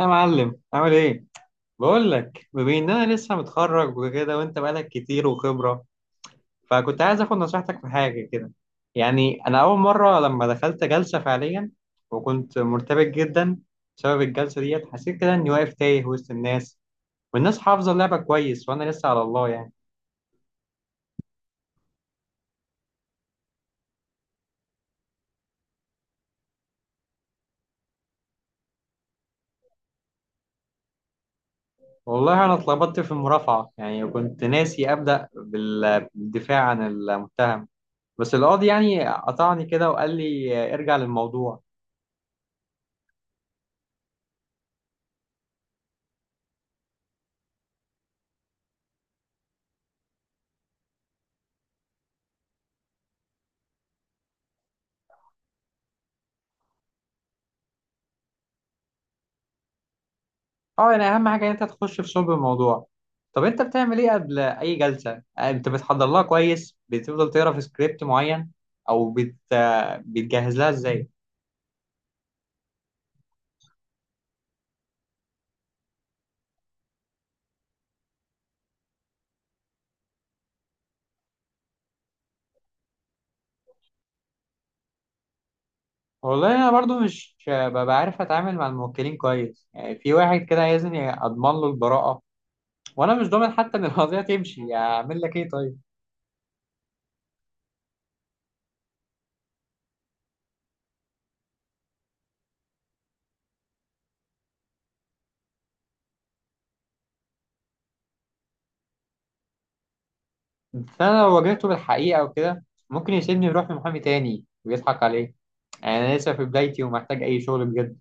يا معلم، عامل ايه؟ بقول لك بما ان انا لسه متخرج وكده، وانت بقالك كتير وخبره، فكنت عايز اخد نصيحتك في حاجه كده. يعني انا اول مره لما دخلت جلسه فعليا، وكنت مرتبك جدا بسبب الجلسه ديت. حسيت كده اني واقف تايه وسط الناس، والناس حافظه اللعبه كويس وانا لسه على الله يعني. والله انا اتلخبطت في المرافعه، يعني كنت ناسي ابدا بالدفاع عن المتهم. بس القاضي يعني قطعني كده وقال لي ارجع للموضوع. اه، يعني اهم حاجه إن انت تخش في صلب الموضوع. طب انت بتعمل ايه قبل اي جلسه؟ انت بتحضر لها كويس، بتفضل تقرا في سكريبت معين، او بتجهز لها ازاي؟ والله انا برضو مش ببقى عارف اتعامل مع الموكلين كويس، يعني في واحد كده عايزني اضمن له البراءه، وانا مش ضامن حتى ان القضيه تمشي. اعمل لك ايه طيب؟ بس انا لو واجهته بالحقيقه وكده، ممكن يسيبني يروح لمحامي تاني ويضحك عليه. يعني انا لسه في بدايتي ومحتاج اي شغل بجد.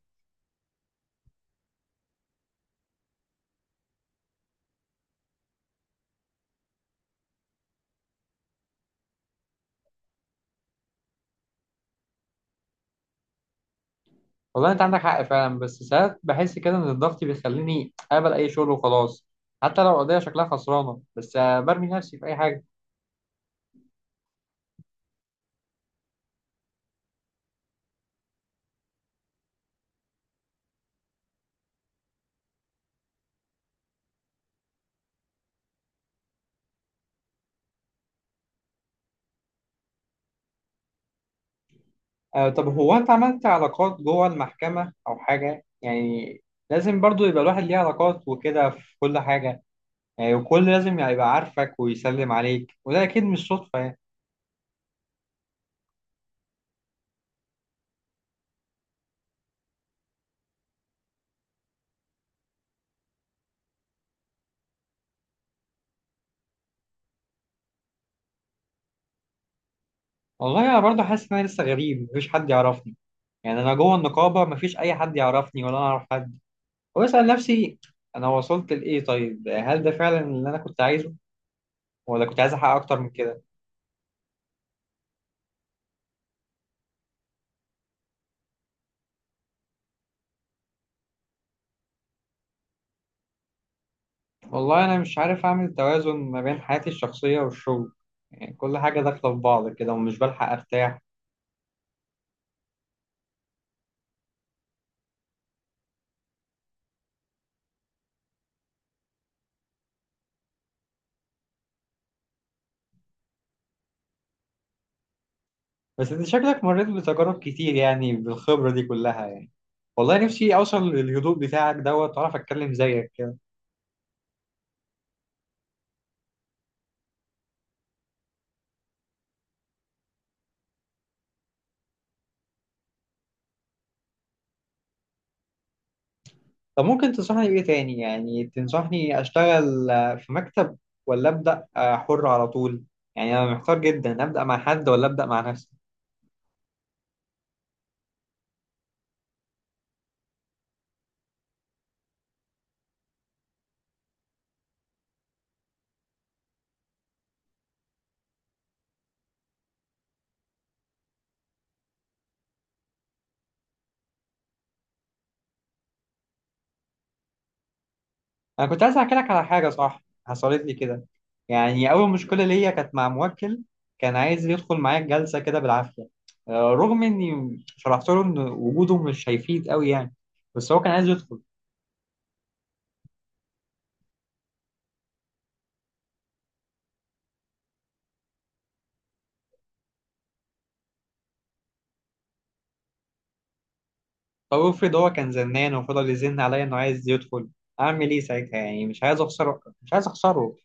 والله انت عندك حق فعلا، بس ساعات بحس كده ان الضغط بيخليني اقبل اي شغل وخلاص. حتى لو القضيه شكلها خسرانه، بس برمي نفسي في اي حاجه. آه، طب هو انت عملت علاقات جوه المحكمة او حاجة يعني؟ لازم برضو يبقى الواحد ليه علاقات وكده في كل حاجة. يعني وكل لازم يعني يبقى عارفك ويسلم عليك، وده اكيد مش صدفة يعني. والله انا برضو حاسس ان انا لسه غريب، مفيش حد يعرفني. يعني انا جوه النقابة مفيش اي حد يعرفني ولا انا اعرف حد. واسأل نفسي، انا وصلت لايه طيب؟ هل ده فعلا اللي انا كنت عايزه، ولا كنت عايز احقق اكتر من كده؟ والله انا مش عارف اعمل توازن ما بين حياتي الشخصيه والشغل. يعني كل حاجه داخله في بعض كده، ومش بلحق ارتاح. بس انت شكلك مريت بتجارب كتير يعني، بالخبره دي كلها يعني. والله نفسي اوصل للهدوء بتاعك دوت واعرف اتكلم زيك كده. طب ممكن تنصحني بايه تاني؟ يعني تنصحني اشتغل في مكتب، ولا ابدا حر على طول؟ يعني انا محتار جدا، ابدا مع حد ولا ابدا مع نفسي. انا كنت عايز احكي لك على حاجه صح حصلت لي كده. يعني اول مشكله ليا كانت مع موكل، كان عايز يدخل معايا الجلسه كده بالعافيه. رغم اني شرحت له ان وجوده مش هيفيد قوي يعني. بس هو كان عايز يدخل. طب افرض هو كان زنان وفضل يزن عليا انه عايز يدخل، اعمل ايه ساعتها؟ يعني مش عايز اخسره، مش عايز اخسره.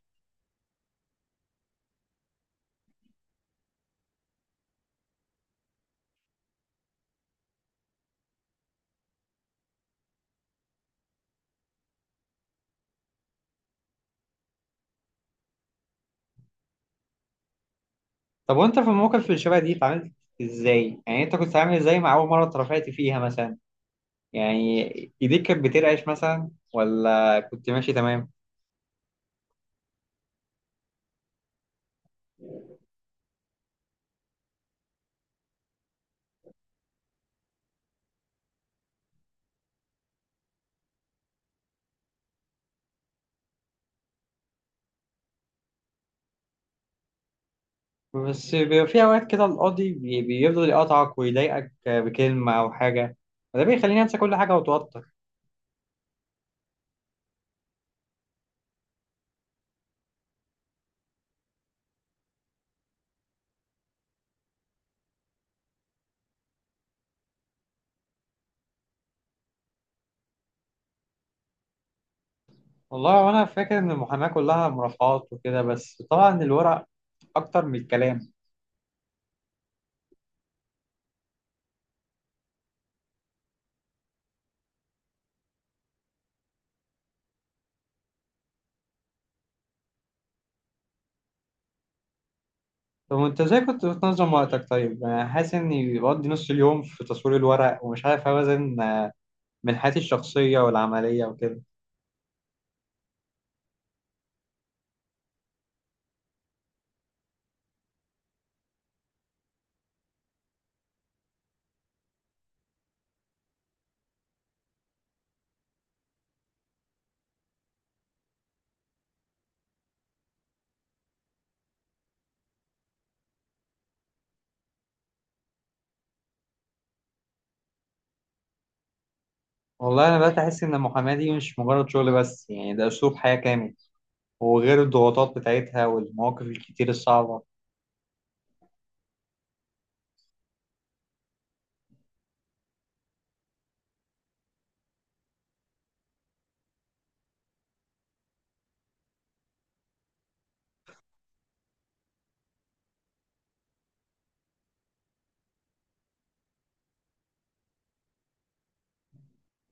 طب وانت في الموقف اللي شبه دي اتعاملت ازاي؟ يعني انت كنت عامل ازاي مع اول مره اترفعت فيها مثلا؟ يعني ايديك كانت بترعش مثلا، ولا كنت ماشي تمام؟ بس بيبقى في أوقات كده القاضي بيفضل يقطعك ويضايقك بكلمة أو حاجة، وده بيخليني أنسى كل حاجة وأتوتر. والله وأنا فاكر إن المحاماة كلها مرافعات وكده، بس طبعا الورق أكتر من الكلام. طب وأنت إزاي كنت بتنظم وقتك طيب؟ يعني أنا حاسس إني بقضي نص اليوم في تصوير الورق، ومش عارف أوازن بين حياتي الشخصية والعملية وكده. والله أنا بدأت أحس إن المحاماة دي مش مجرد شغل بس، يعني ده أسلوب حياة كامل، وغير الضغوطات بتاعتها والمواقف الكتير الصعبة.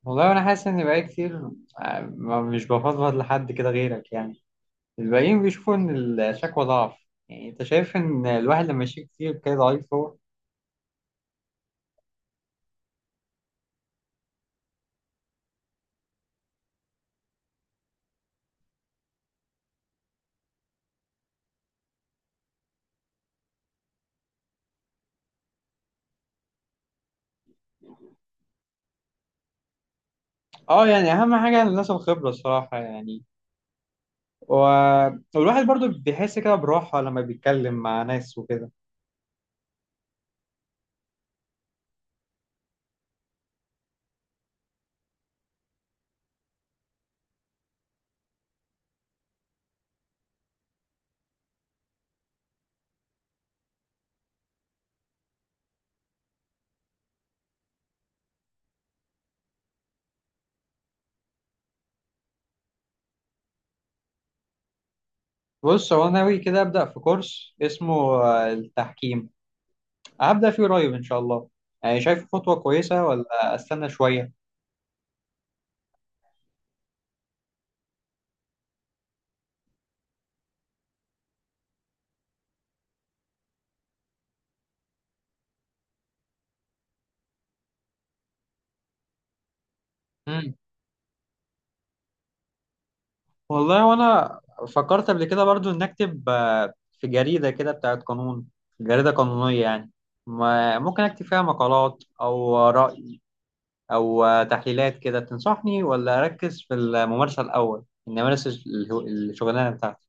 والله انا حاسس ان بقى كتير. مش بفضفض لحد كده غيرك يعني. الباقيين بيشوفوا ان الشكوى ضعف، يعني انت شايف ان الواحد لما يشيك كتير كده ضعيف هو؟ اه، يعني اهم حاجه الناس الخبره الصراحه يعني. و... والواحد برضو بيحس كده براحه لما بيتكلم مع ناس وكده. بص، هو أنا ناوي كده ابدا في كورس اسمه التحكيم، هبدا فيه قريب ان شاء الله. يعني شايف خطوه كويسه ولا استنى شويه؟ والله وانا فكرت قبل كده برضو ان اكتب في جريدة كده بتاعت قانون، جريدة قانونية يعني. ما ممكن اكتب فيها مقالات او رأي او تحليلات كده، تنصحني ولا اركز في الممارسة الاول اني امارس الشغلانة بتاعتي؟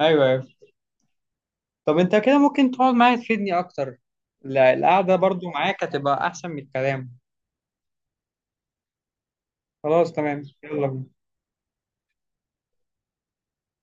ايوه، ايوه. طب انت كده ممكن تقعد معايا تفيدني اكتر؟ لا، القعدة برضو معاك هتبقى احسن من الكلام. خلاص تمام، يلا بينا.